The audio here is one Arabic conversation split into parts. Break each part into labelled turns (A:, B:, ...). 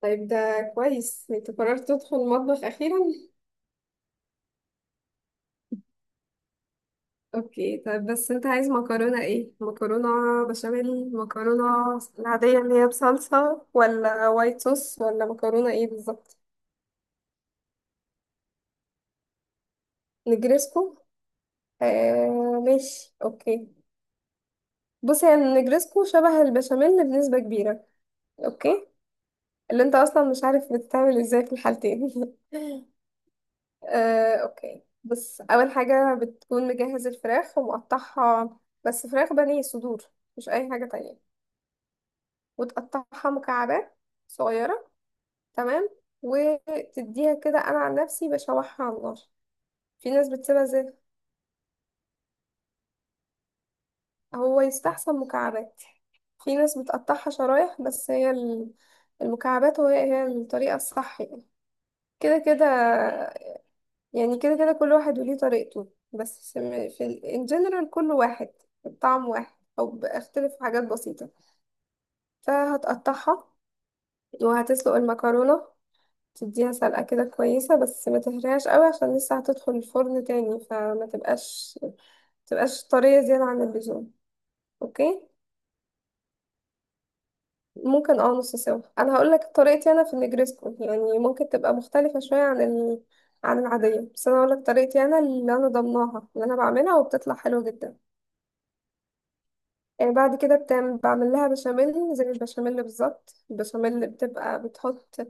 A: طيب، ده كويس انت قررت تدخل المطبخ اخيرا. اوكي، طيب بس انت عايز مكرونه ايه؟ مكرونه بشاميل؟ مكرونه العاديه اللي هي بصلصه؟ ولا وايت صوص؟ ولا مكرونه ايه بالظبط؟ نجرسكو. ماشي، اوكي. بص، هي النجرسكو شبه البشاميل بنسبه كبيره. اوكي، اللي انت اصلا مش عارف بتتعمل ازاي في الحالتين. اوكي، بص، اول حاجه بتكون مجهز الفراخ ومقطعها. بس فراخ بانيه صدور، مش اي حاجه تانية. وتقطعها مكعبات صغيره. تمام. وتديها كده، انا عن نفسي بشوحها على النار. في ناس بتسيبها زي، هو يستحسن مكعبات. في ناس بتقطعها شرايح، بس المكعبات هي هي الطريقه الصح يعني، كده كده. يعني كده كده كل واحد وليه طريقته، بس في ان جنرال كله واحد. الطعم واحد، او بيختلف في حاجات بسيطة. فهتقطعها، وهتسلق المكرونة. تديها سلقة كده كويسة، بس ما تهريهاش قوي، عشان لسه هتدخل الفرن تاني، فما تبقاش طرية زيادة عن اللزوم. اوكي، ممكن نص سوا. انا هقول لك طريقتي انا في النجريسكو، يعني ممكن تبقى مختلفة شوية عن العادية. بس انا هقول لك طريقتي انا اللي انا ضمناها، اللي انا بعملها وبتطلع حلوة جدا. بعد كده بعمل لها بشاميل زي البشاميل بالظبط. البشاميل بتبقى بتحط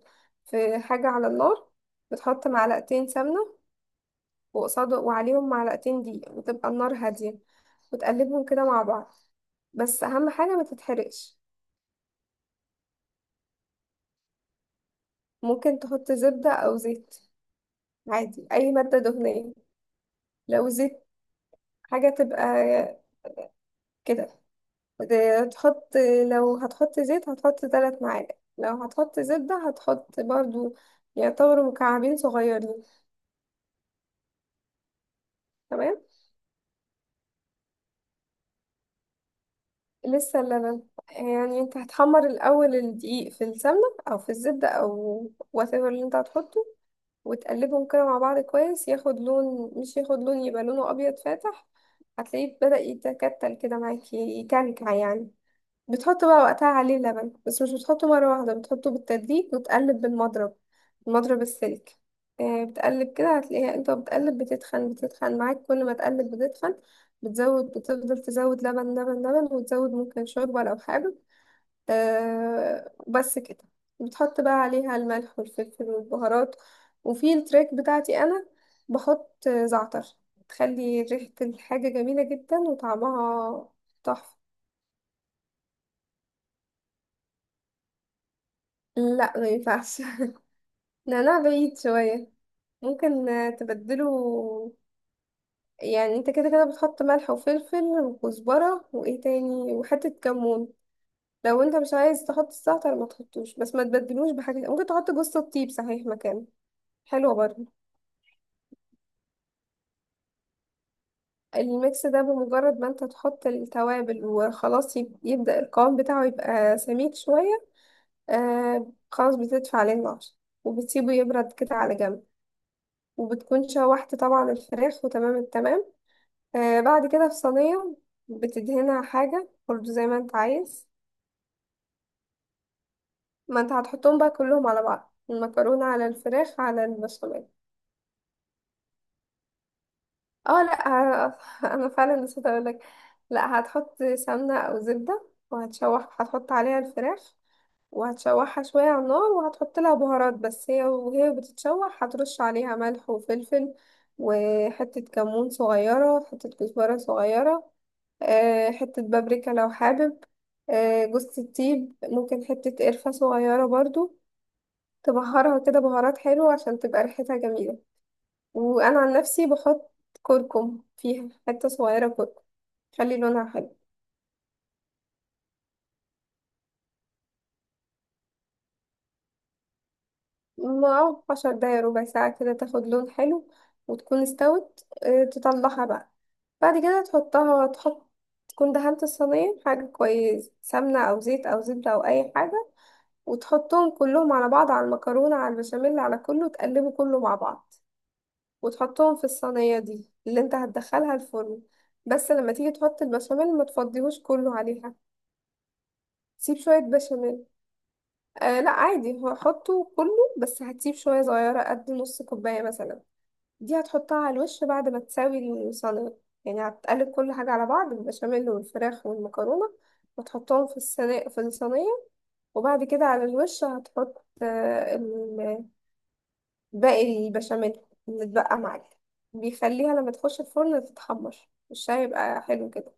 A: في حاجة على النار. بتحط معلقتين سمنة، وقصاد وعليهم معلقتين دقيق، وتبقى النار هادية. وتقلبهم كده مع بعض. بس أهم حاجة ما تتحرقش. ممكن تحط زبدة أو زيت، عادي أي مادة دهنية. لو زيت، حاجة تبقى كده تحط. لو هتحط زيت هتحط 3 معالق، لو هتحط زبدة هتحط برضو يعتبروا مكعبين صغيرين. تمام. لسه اللبن. يعني انت هتحمر الأول الدقيق في السمنة أو في الزبدة أو whatever اللي انت هتحطه. وتقلبهم كده مع بعض كويس، ياخد لون، مش ياخد لون، يبقى لونه أبيض فاتح. هتلاقيه بدأ يتكتل كده معاكي، يكلكع يعني. بتحط بقى وقتها عليه اللبن، بس مش بتحطه مرة واحدة، بتحطه بالتدريج وتقلب بالمضرب، المضرب السلك. بتقلب كده، هتلاقيها انت بتقلب بتتخن، بتتخن معاك، كل ما تقلب بتتخن. بتزود، بتفضل تزود لبن لبن لبن، وتزود ممكن شوربة لو حابب. بس كده. بتحط بقى عليها الملح والفلفل والبهارات. وفي التريك بتاعتي انا بحط زعتر، تخلي ريحة الحاجة جميلة جدا وطعمها تحفة. لا، ما ينفعش. نعناع بعيد شوية. ممكن تبدله. يعني انت كده كده بتحط ملح وفلفل وكزبرة، وايه تاني، وحتة كمون. لو انت مش عايز تحط الزعتر ما تحطوش، بس ما تبدلوش بحاجة. ممكن تحط جوز الطيب صحيح مكانه. حلوة برضه. الميكس ده بمجرد ما انت تحط التوابل وخلاص يبدأ القوام بتاعه يبقى سميك شوية. خلاص بتدفع عليه النار، وبتسيبه يبرد كده على جنب. وبتكون شوحت طبعا الفراخ وتمام التمام. بعد كده، في صينية بتدهنها حاجة برضو زي ما انت عايز. ما انت هتحطهم بقى كلهم على بعض، المكرونة على الفراخ على البشاميل. اه، لا. آه، انا فعلا نسيت اقولك. لا، هتحط سمنة او زبدة وهتشوح، هتحط عليها الفراخ. وهتشوحها شوية على النار، وهتحط لها بهارات، بس هي وهي بتتشوح هترش عليها ملح وفلفل. وحتة كمون صغيرة، حتة كزبرة صغيرة. حتة بابريكا لو حابب. جوز الطيب، ممكن حتة قرفة صغيرة برضو. تبهرها كده بهارات حلوة عشان تبقى ريحتها جميلة. وأنا عن نفسي بحط كركم، فيها حتة صغيرة كركم، خلي لونها حلو. ما 10 دقايق ربع ساعة كده تاخد لون حلو وتكون استوت. تطلعها بقى. بعد كده تحطها، تحط تكون دهنت الصينية حاجة كويس، سمنة أو زيت أو زبدة أو أي حاجة. وتحطهم كلهم على بعض، على المكرونة على البشاميل على كله، تقلبه كله مع بعض. وتحطهم في الصينية دي اللي انت هتدخلها الفرن. بس لما تيجي تحط البشاميل ما تفضيهوش كله عليها. سيب شوية بشاميل. لا عادي، هو حطه كله. بس هتسيب شوية صغيرة قد نص كوباية مثلا. دي هتحطها على الوش بعد ما تساوي الصينية. يعني هتقلب كل حاجة على بعض، البشاميل والفراخ والمكرونة. وتحطهم في الصينية، في الصينية. وبعد كده على الوش هتحط باقي البشاميل اللي اتبقى معاك. بيخليها لما تخش الفرن تتحمر، مش هيبقى حلو كده؟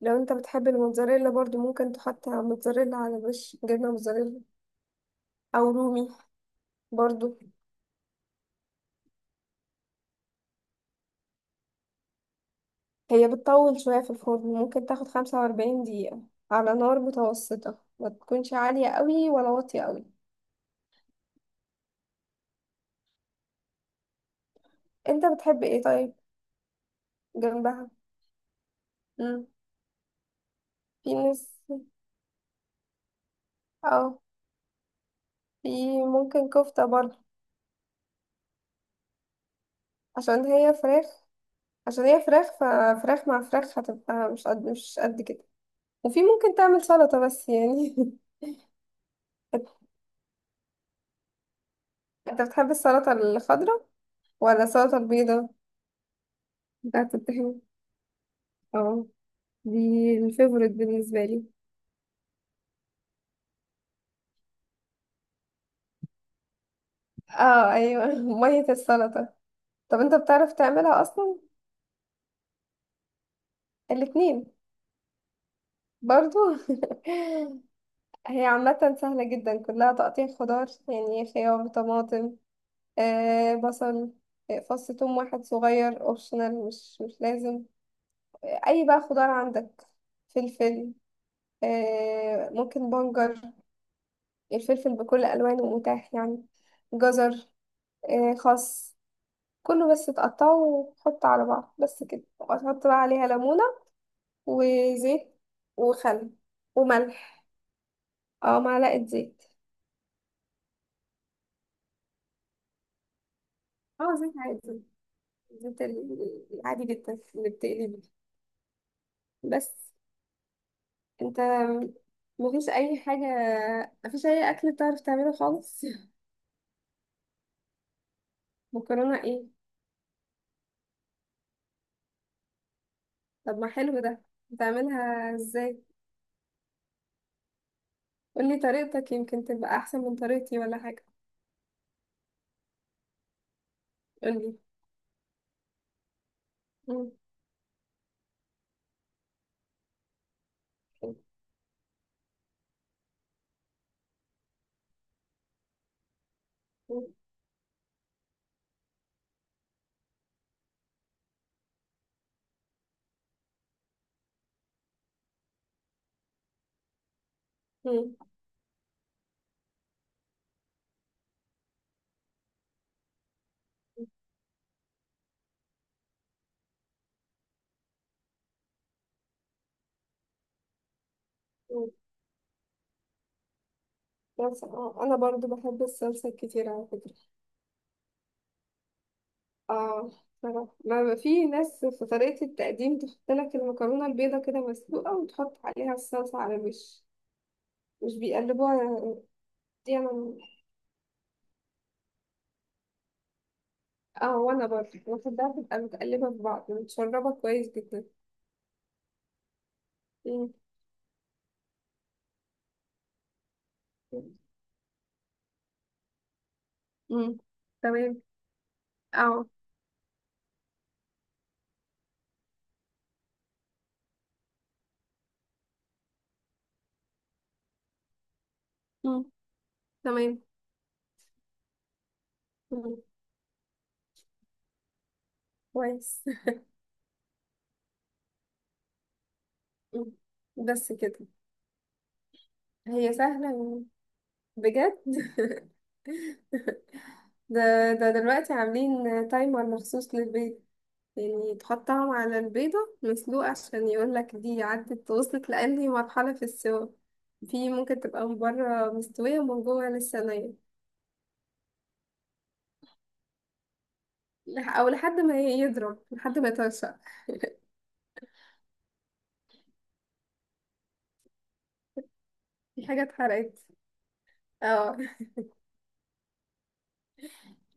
A: لو انت بتحب الموتزاريلا، برضو ممكن تحط موتزاريلا على وش، جبنة موتزاريلا. أو رومي برضو. هي بتطول شوية في الفرن، ممكن تاخد 45 دقيقة على نار متوسطة، ما تكونش عالية قوي ولا واطية قوي. انت بتحب ايه طيب جنبها؟ مم. في ناس، اه في ممكن كفتة برضو. عشان هي فراخ عشان هي فراخ، ففراخ مع فراخ هتبقى مش قد مش قد كده. وفي ممكن تعمل سلطة بس يعني. انت بتحب السلطة الخضراء ولا السلطة البيضاء بتاعت الطحينة؟ اه، دي الفيفوريت بالنسبة لي. اه، ايوه. مية السلطة. طب، انت بتعرف تعملها اصلا؟ الاتنين، برضو. هي عامة سهلة جدا، كلها تقطيع خضار، يعني خيار، طماطم. بصل. فص ثوم واحد صغير، اوبشنال، مش لازم. اي بقى خضار عندك. فلفل. ممكن بنجر. الفلفل بكل الوانه متاح يعني. جزر. خس. كله بس تقطعه وتحطه على بعض، بس كده. وتحط بقى عليها ليمونة، وزيت، وخل، وملح. اه، معلقة زيت. اه، زيت عادي، زيت العادي جدا اللي بتقلي بيه. بس انت مفيش اي حاجة، مفيش اي اكل بتعرف تعمله خالص. مكرونة ايه؟ طب، ما حلو ده. بتعملها ازاي؟ قولي طريقتك، يمكن تبقى احسن من طريقتي ولا حاجة. قولي. مم. مم. مم. مم. بس انا برضو بحب الصلصة كتير على فكرة. اه، صراحة. ما في ناس في طريقة التقديم تحط لك المكرونة البيضة كده مسلوقة وتحط عليها الصلصة على الوش، مش بيقلبوها. دي انا. اه وانا برضو بحبها تبقى متقلبة في بعض، متشربة كويس جدا. مم. مم. تمام. اه مم. تمام. مم. كويس. مم. بس كده. هي سهلة، بجد. ده دلوقتي عاملين تايمر مخصوص للبيض. يعني تحطهم على البيضة مسلوقة عشان يقولك دي عدت، وصلت لأنهي مرحلة في السوا. في ممكن تبقى من بره مستوية ومن جوه لسه نية. أو لحد ما يضرب، لحد ما يطرشق. في حاجة اتحرقت. اه،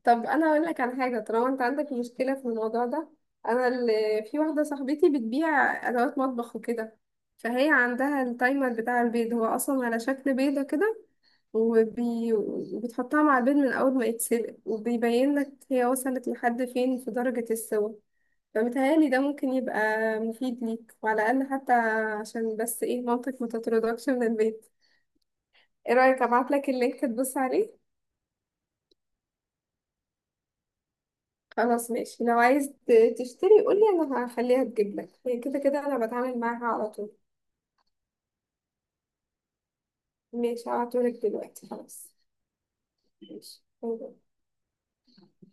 A: طب انا اقول لك على حاجه، طالما انت عندك مشكله في الموضوع ده. انا اللي في واحده صاحبتي بتبيع ادوات مطبخ وكده. فهي عندها التايمر بتاع البيض، هو اصلا على شكل بيضه كده. وبتحطها مع البيض من اول ما يتسلق، وبيبين لك هي وصلت لحد فين في درجه السوا. فمتهيألي ده ممكن يبقى مفيد ليك، وعلى الاقل حتى عشان بس ايه، مامتك ما تطردكش من البيت. ايه رايك، ابعت لك اللينك تبص عليه؟ خلاص ماشي. لو عايز تشتري قولي، انا هخليها تجيب لك، هي كده كده انا بتعامل معاها على طول. ماشي، هبعتهولك دلوقتي خلاص. ماشي. باي باي.